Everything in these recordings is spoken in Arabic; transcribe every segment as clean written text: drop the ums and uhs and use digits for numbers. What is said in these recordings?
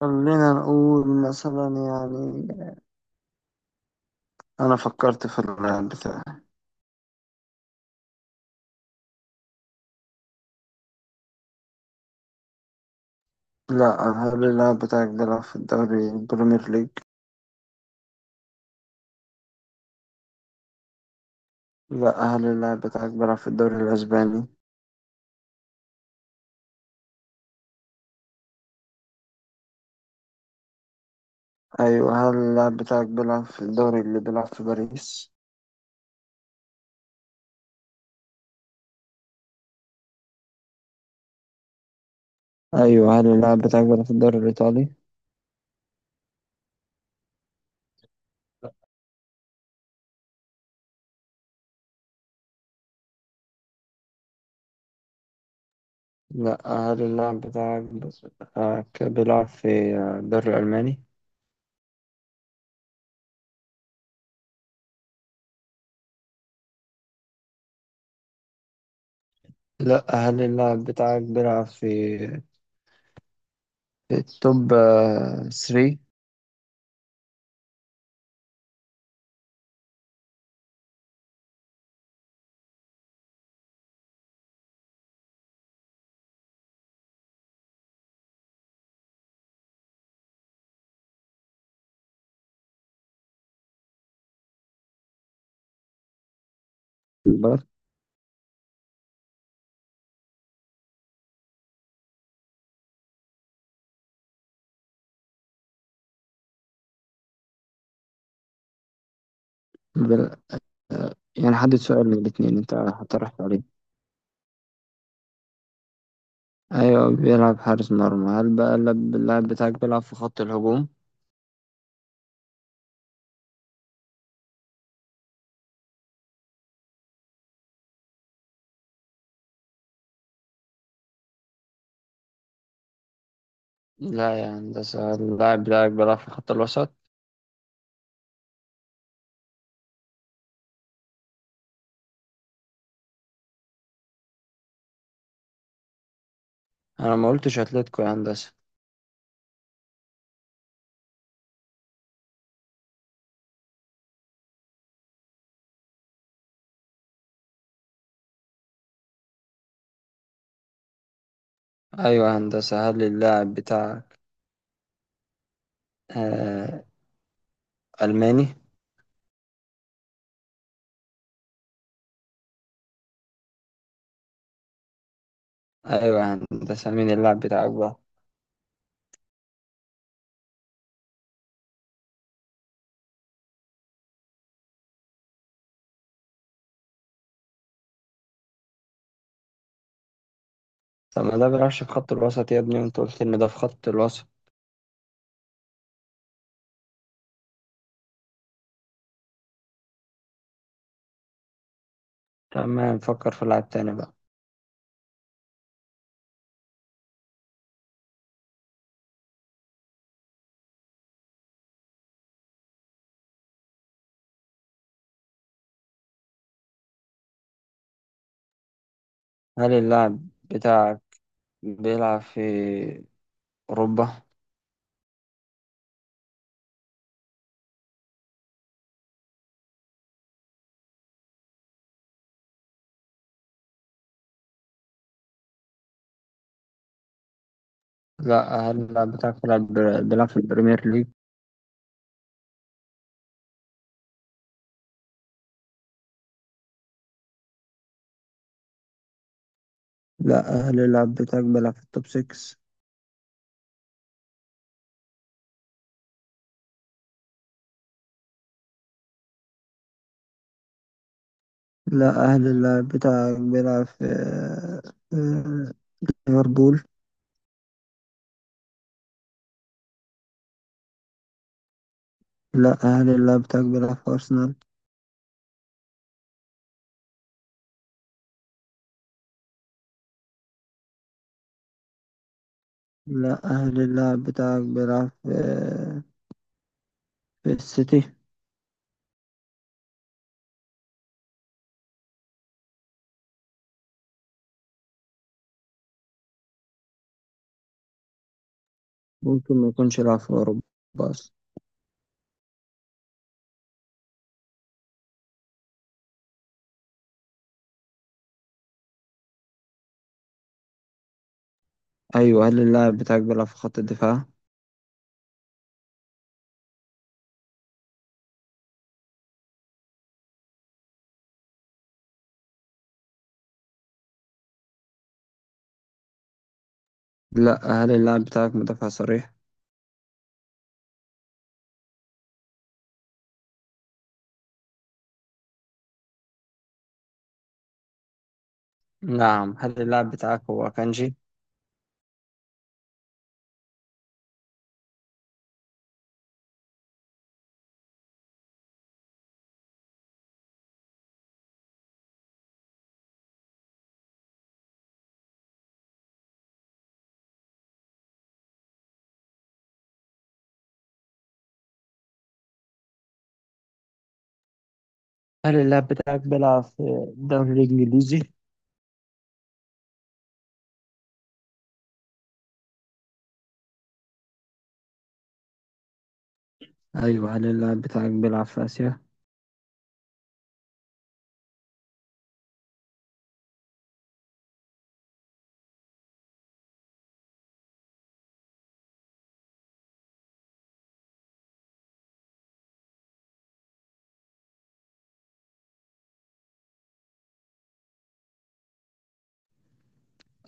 خلينا نقول مثلا انا فكرت في اللاعب بتاعي. لا، هل اللاعب بتاعك بيلعب في الدوري البريمير ليج؟ لا، هل اللاعب بتاعك بيلعب في الدوري الاسباني؟ ايوه، هل اللاعب بتاعك بيلعب في الدوري اللي بيلعب في باريس؟ ايوه، هل اللاعب بتاعك بيلعب في الدوري الايطالي؟ لا، هل اللاعب بتاعك بيلعب في الدوري الالماني؟ لا، هل اللاعب بتاعك بيلعب في التوب 3؟ يعني حدد سؤال من الاتنين انت هتطرح عليه. ايوه بيلعب حارس مرمى، هل بقى اللاعب بتاعك بيلعب في خط الهجوم؟ لا يا هندسة، اللاعب بتاعك بيلعب في خط الوسط. انا ما قلتش اتلتيكو يا هندسة. ايوه يا هندسة، هل اللاعب بتاعك آه الماني؟ ايوه يا هندسة، مين اللاعب بتاعك بقى؟ طب ما ده بيلعبش في خط الوسط يا ابني، وانت قلت ان ده في خط الوسط. تمام، نفكر في لاعب تاني بقى. هل اللاعب بتاعك بيلعب في اوروبا؟ لا، هل اللاعب بتاعك بيلعب في البريمير ليج؟ لا، هل اللاعب بتاعك بيلعب في التوب 6؟ لا، هل اللاعب بتاعك بيلعب في آه، ليفربول؟ لا، هل اللاعب بتاعك بيلعب في أرسنال؟ لا، هل اللاعب بتاعك بيلعب في في السيتي؟ ممكن ما يكونش لاعب في أوروبا أصلا. أيوة، هل اللاعب بتاعك بيلعب في خط الدفاع؟ لا، هل اللاعب بتاعك مدافع صريح؟ نعم، هل اللاعب بتاعك هو كانجي؟ هل اللاعب بتاعك بيلعب في الدوري الإنجليزي؟ ايوه، هل اللاعب بتاعك بيلعب في اسيا؟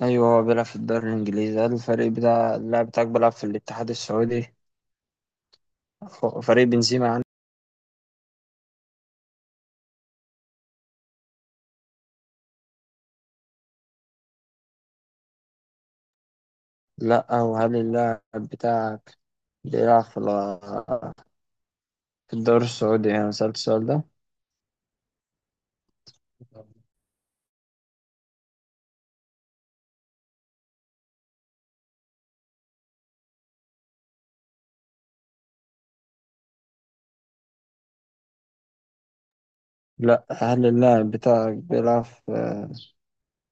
أيوه هو بيلعب في الدوري الإنجليزي، هل الفريق بتاع اللاعب بتاعك بيلعب في الاتحاد السعودي؟ فريق بنزيما يعني. لأ، وهل اللاعب بتاعك بيلعب في في الدوري السعودي؟ أنا سألت السؤال ده. لأ، هل اللاعب بتاعك بيلعب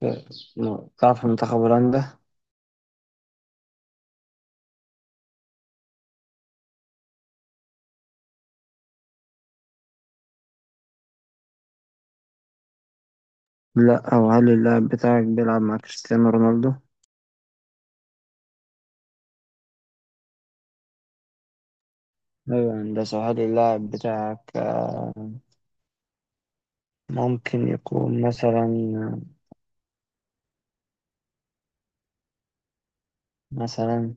في- بيلعب في منتخب هولندا؟ لا، او هل اللاعب بتاعك بيلعب مع كريستيانو رونالدو؟ أيوة يا هندسة، هل اللاعب بتاعك ممكن يكون، مثلا،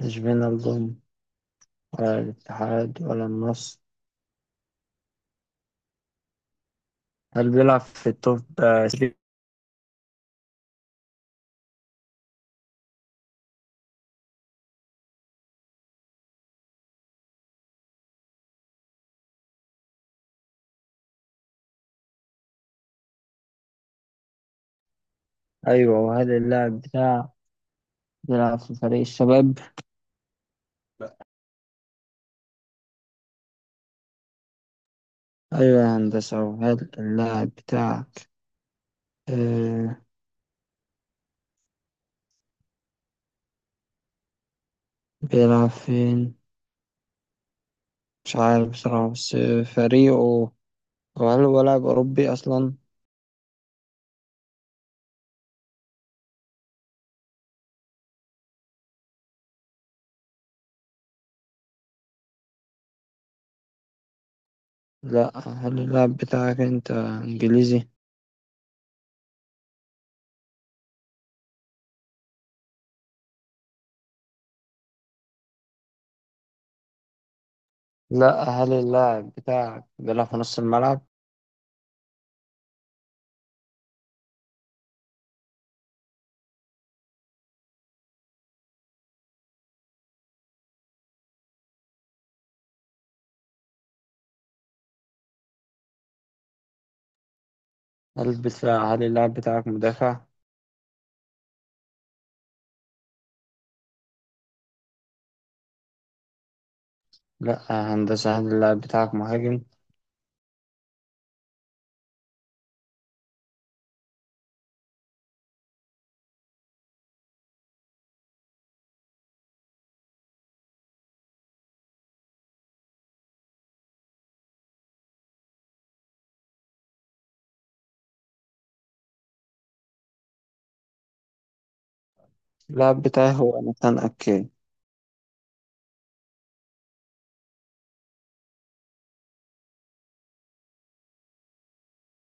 مش بين الظلم ولا الاتحاد ولا النصر؟ هل بيلعب في التوب 3؟ أيوة، وهل اللاعب بتاعك بيلعب في فريق الشباب؟ لا. أيوة يا هندسة، وهل اللاعب بتاعك آه بيلعب فين؟ مش عارف بصراحة بس فريقه، وهل هو لاعب أوروبي أصلا؟ لا، هل اللاعب بتاعك أنت إنجليزي؟ لا، هل اللاعب بتاعك بيلعب في نص الملعب؟ هل اللاعب بتاعك مدافع؟ لا هندسة، هل اللاعب بتاعك مهاجم؟ اللاعب بتاعي هو نتان أكي.